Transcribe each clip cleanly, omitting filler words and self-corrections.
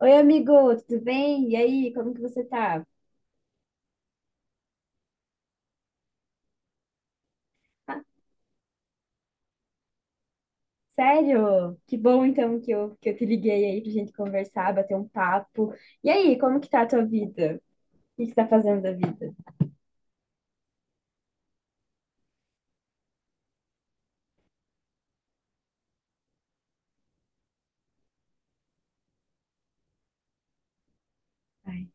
Oi, amigo, tudo bem? E aí, como que você tá? Ah, sério? Que bom então que eu te liguei aí pra gente conversar, bater um papo. E aí, como que tá a tua vida? O que que você tá fazendo da vida? Ai,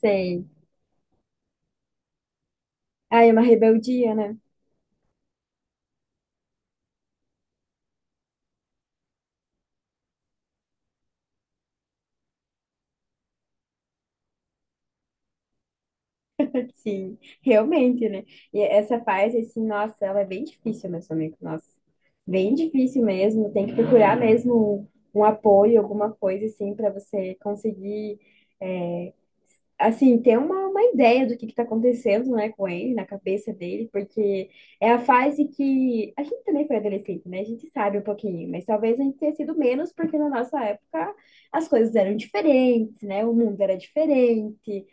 sei. Ai, é uma rebeldia, né? Sim, realmente, né? E essa fase, assim, nossa, ela é bem difícil, meu amigo, nossa. Bem difícil mesmo, tem que procurar mesmo um apoio, alguma coisa assim, pra você conseguir eh, assim, ter uma ideia do que está acontecendo, né, com ele, na cabeça dele, porque é a fase que a gente também foi adolescente, né? A gente sabe um pouquinho, mas talvez a gente tenha sido menos, porque na nossa época as coisas eram diferentes, né? O mundo era diferente,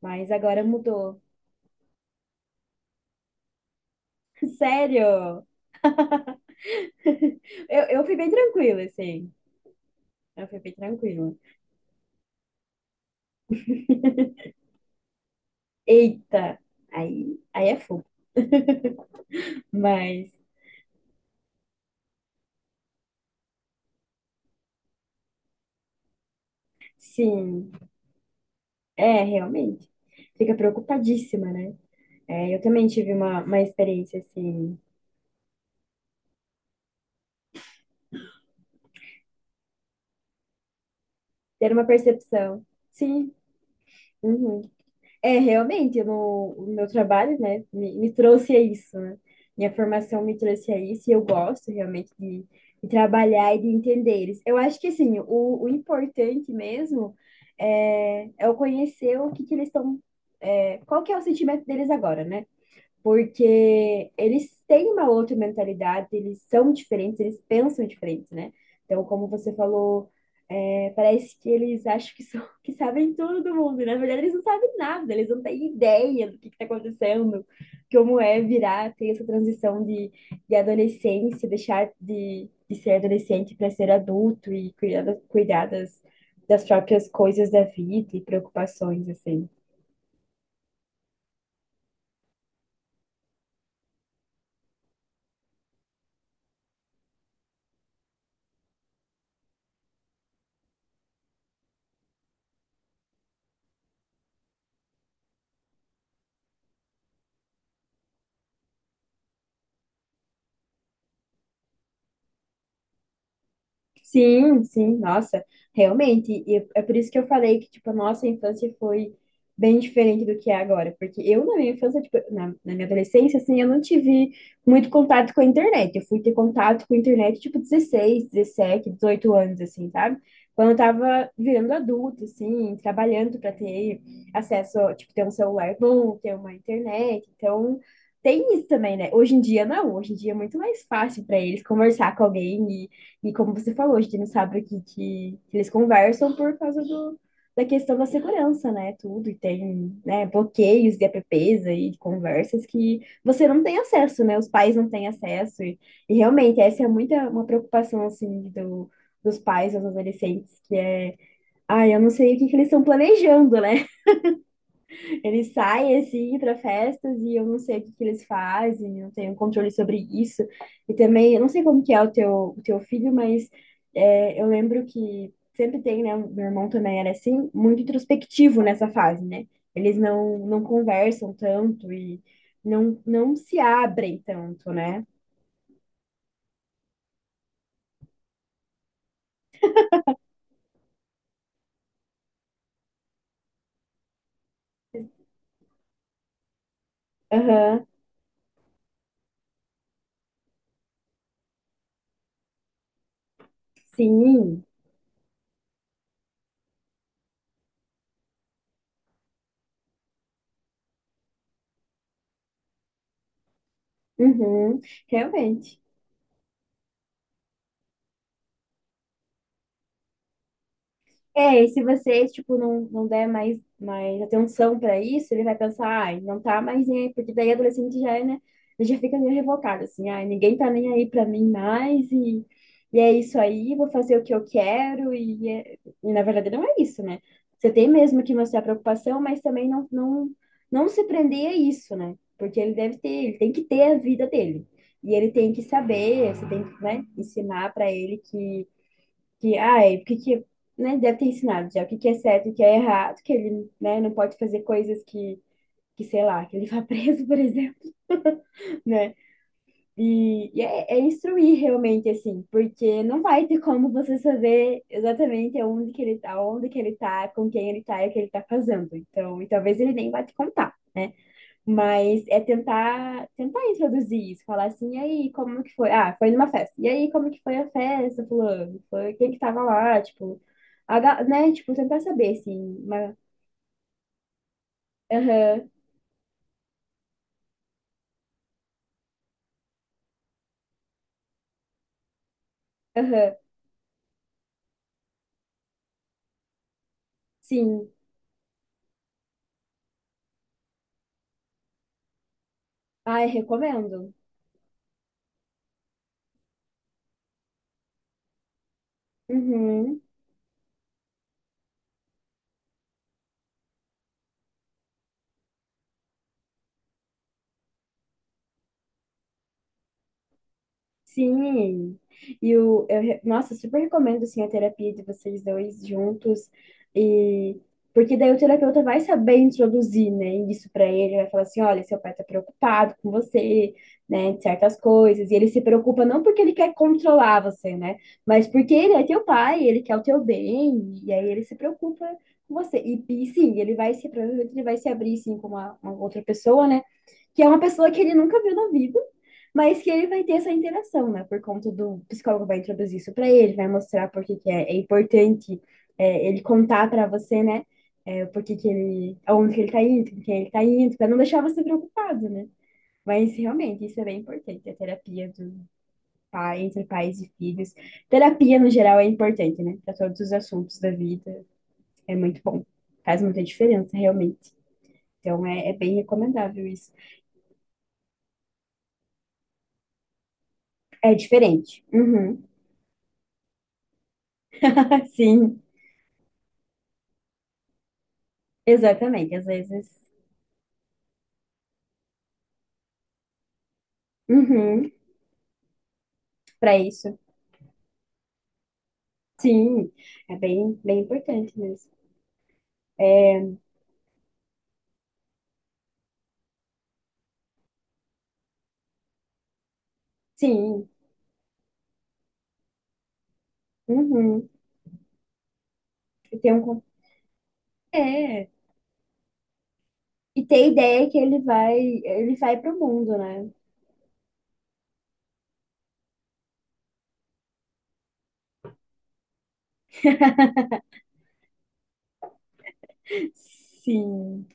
mas agora mudou. Sério, eu fui bem tranquila, assim, eu fui bem tranquila. Eita, aí é fogo, mas sim, é, realmente, fica preocupadíssima, né? É, eu também tive uma experiência assim, ter uma percepção. Sim, uhum. É, realmente, eu não- o meu trabalho, né, me trouxe a isso, né? Minha formação me trouxe a isso e eu gosto realmente de trabalhar e de entender eles. Eu acho que, assim, o importante mesmo é eu conhecer o que que eles estão, é, qual que é o sentimento deles agora, né? Porque eles têm uma outra mentalidade, eles são diferentes, eles pensam diferentes, né? Então, como você falou, é, parece que eles acham que, são, que sabem tudo do mundo, né? Na verdade eles não sabem nada, eles não têm ideia do que está acontecendo, como é virar, ter essa transição de adolescência, de ser adolescente para ser adulto e cuidar das, das próprias coisas da vida e preocupações, assim. Sim, nossa, realmente. E é por isso que eu falei que, tipo, a nossa infância foi bem diferente do que é agora. Porque eu, na minha infância, tipo, na minha adolescência, assim, eu não tive muito contato com a internet. Eu fui ter contato com a internet, tipo, 16, 17, 18 anos, assim, sabe? Quando eu tava virando adulta, assim, trabalhando para ter acesso, tipo, ter um celular bom, ter uma internet. Então, tem isso também, né? Hoje em dia, não. Hoje em dia é muito mais fácil para eles conversar com alguém e como você falou, a gente não sabe aqui que eles conversam por causa do, da questão da segurança, né? Tudo, e tem, né, bloqueios de apps e de conversas que você não tem acesso, né? Os pais não têm acesso. E realmente, essa é muita, uma preocupação, assim, do, dos pais, dos adolescentes, que é, ah, eu não sei que eles estão planejando, né? Eles saem assim para festas e eu não sei o que que eles fazem, eu não tenho controle sobre isso. E também, eu não sei como que é o teu filho, mas é, eu lembro que sempre tem, né? Meu irmão também era assim, muito introspectivo nessa fase, né? Eles não conversam tanto e não se abrem tanto, né? Aham, sim, uhum, realmente. É, e se você tipo, não der mais atenção para isso, ele vai pensar, ai, não tá mais nem aí, porque daí adolescente já é, né? Ele já fica meio revocado, assim, ai, ninguém tá nem aí para mim mais, e é isso aí, vou fazer o que eu quero, e na verdade não é isso, né? Você tem mesmo que mostrar preocupação, mas também não se prender a isso, né? Porque ele deve ter, ele tem que ter a vida dele. E ele tem que saber, você tem que, né, ensinar para ele que, ai, porque que, né, deve ter ensinado já o que que é certo e o que é errado, que ele, né, não pode fazer coisas que sei lá, que ele vá preso, por exemplo, né? E é, é instruir realmente, assim, porque não vai ter como você saber exatamente onde que ele tá, onde que ele tá, com quem ele tá e o que ele tá fazendo. Então, e talvez ele nem vá te contar. Né, mas é tentar, tentar introduzir isso, falar assim, e aí, como que foi? Ah, foi numa festa. E aí, como que foi a festa, fulano? Foi quem que tava lá, tipo, né? Tipo, tentar saber, assim, mas aham, aham, sim. Ai, recomendo. Uhum. Sim, e nossa, eu super recomendo, assim, a terapia de vocês dois juntos, e porque daí o terapeuta vai saber introduzir, né, isso pra ele, vai falar assim, olha, seu pai tá preocupado com você, né, de certas coisas, e ele se preocupa não porque ele quer controlar você, né, mas porque ele é teu pai, ele quer o teu bem, e aí ele se preocupa com você, e sim, ele vai se, provavelmente ele vai se abrir, sim, com uma outra pessoa, né, que é uma pessoa que ele nunca viu na vida, mas que ele vai ter essa interação, né? Por conta do psicólogo vai introduzir isso para ele, vai mostrar por que que é importante é, ele contar para você, né? É, por que que aonde que ele tá indo, com quem ele tá indo, para não deixar você preocupado, né? Mas realmente isso é bem importante, a terapia do pai, entre pais e filhos. Terapia no geral é importante, né? Para todos os assuntos da vida, é muito bom. Faz muita diferença, realmente. Então é bem recomendável isso. É diferente. Uhum. Sim, exatamente. Às vezes uhum, para isso. Sim, é bem, bem importante mesmo. Sim, uhum. E ter um, con- é, e ter a ideia que ele vai pro mundo, né? Sim.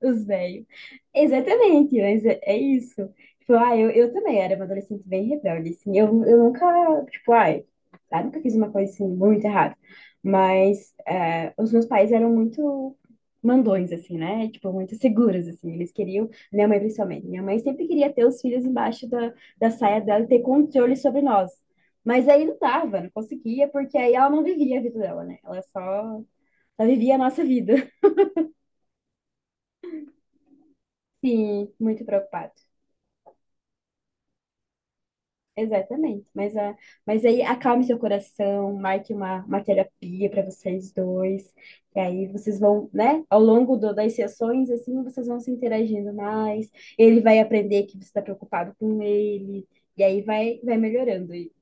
Os velhos. Exatamente, mas é, é isso. Tipo, ah, eu também era uma adolescente bem rebelde, assim. Eu nunca, tipo, ai, ah, nunca fiz uma coisa, assim, muito errada. Mas é, os meus pais eram muito mandões, assim, né? Tipo, muito seguros, assim. Eles queriam, minha mãe principalmente. Minha mãe sempre queria ter os filhos embaixo da saia dela e ter controle sobre nós. Mas aí não dava, não conseguia, porque aí ela não vivia a vida dela, né? Ela só, só vivia a nossa vida. Sim, muito preocupado. Exatamente. Mas, a, mas aí acalme seu coração, marque uma terapia para vocês dois. E aí vocês vão, né? Ao longo do- das sessões, assim, vocês vão se interagindo mais. Ele vai aprender que você está preocupado com ele. E aí vai, vai melhorando. E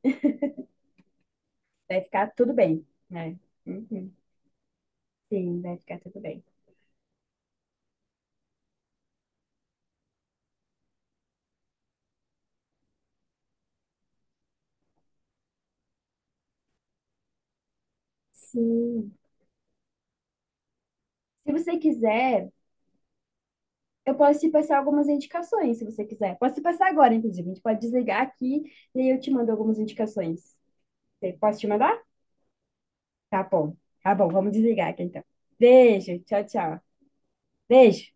vai ficar tudo bem, né? Uhum. Sim, vai ficar tudo bem. Sim. Se você quiser, eu posso te passar algumas indicações, se você quiser. Posso te passar agora, inclusive. A gente pode desligar aqui e aí eu te mando algumas indicações. Você- Posso te mandar? Tá bom, tá bom, vamos desligar aqui então. Beijo, tchau, tchau. Beijo.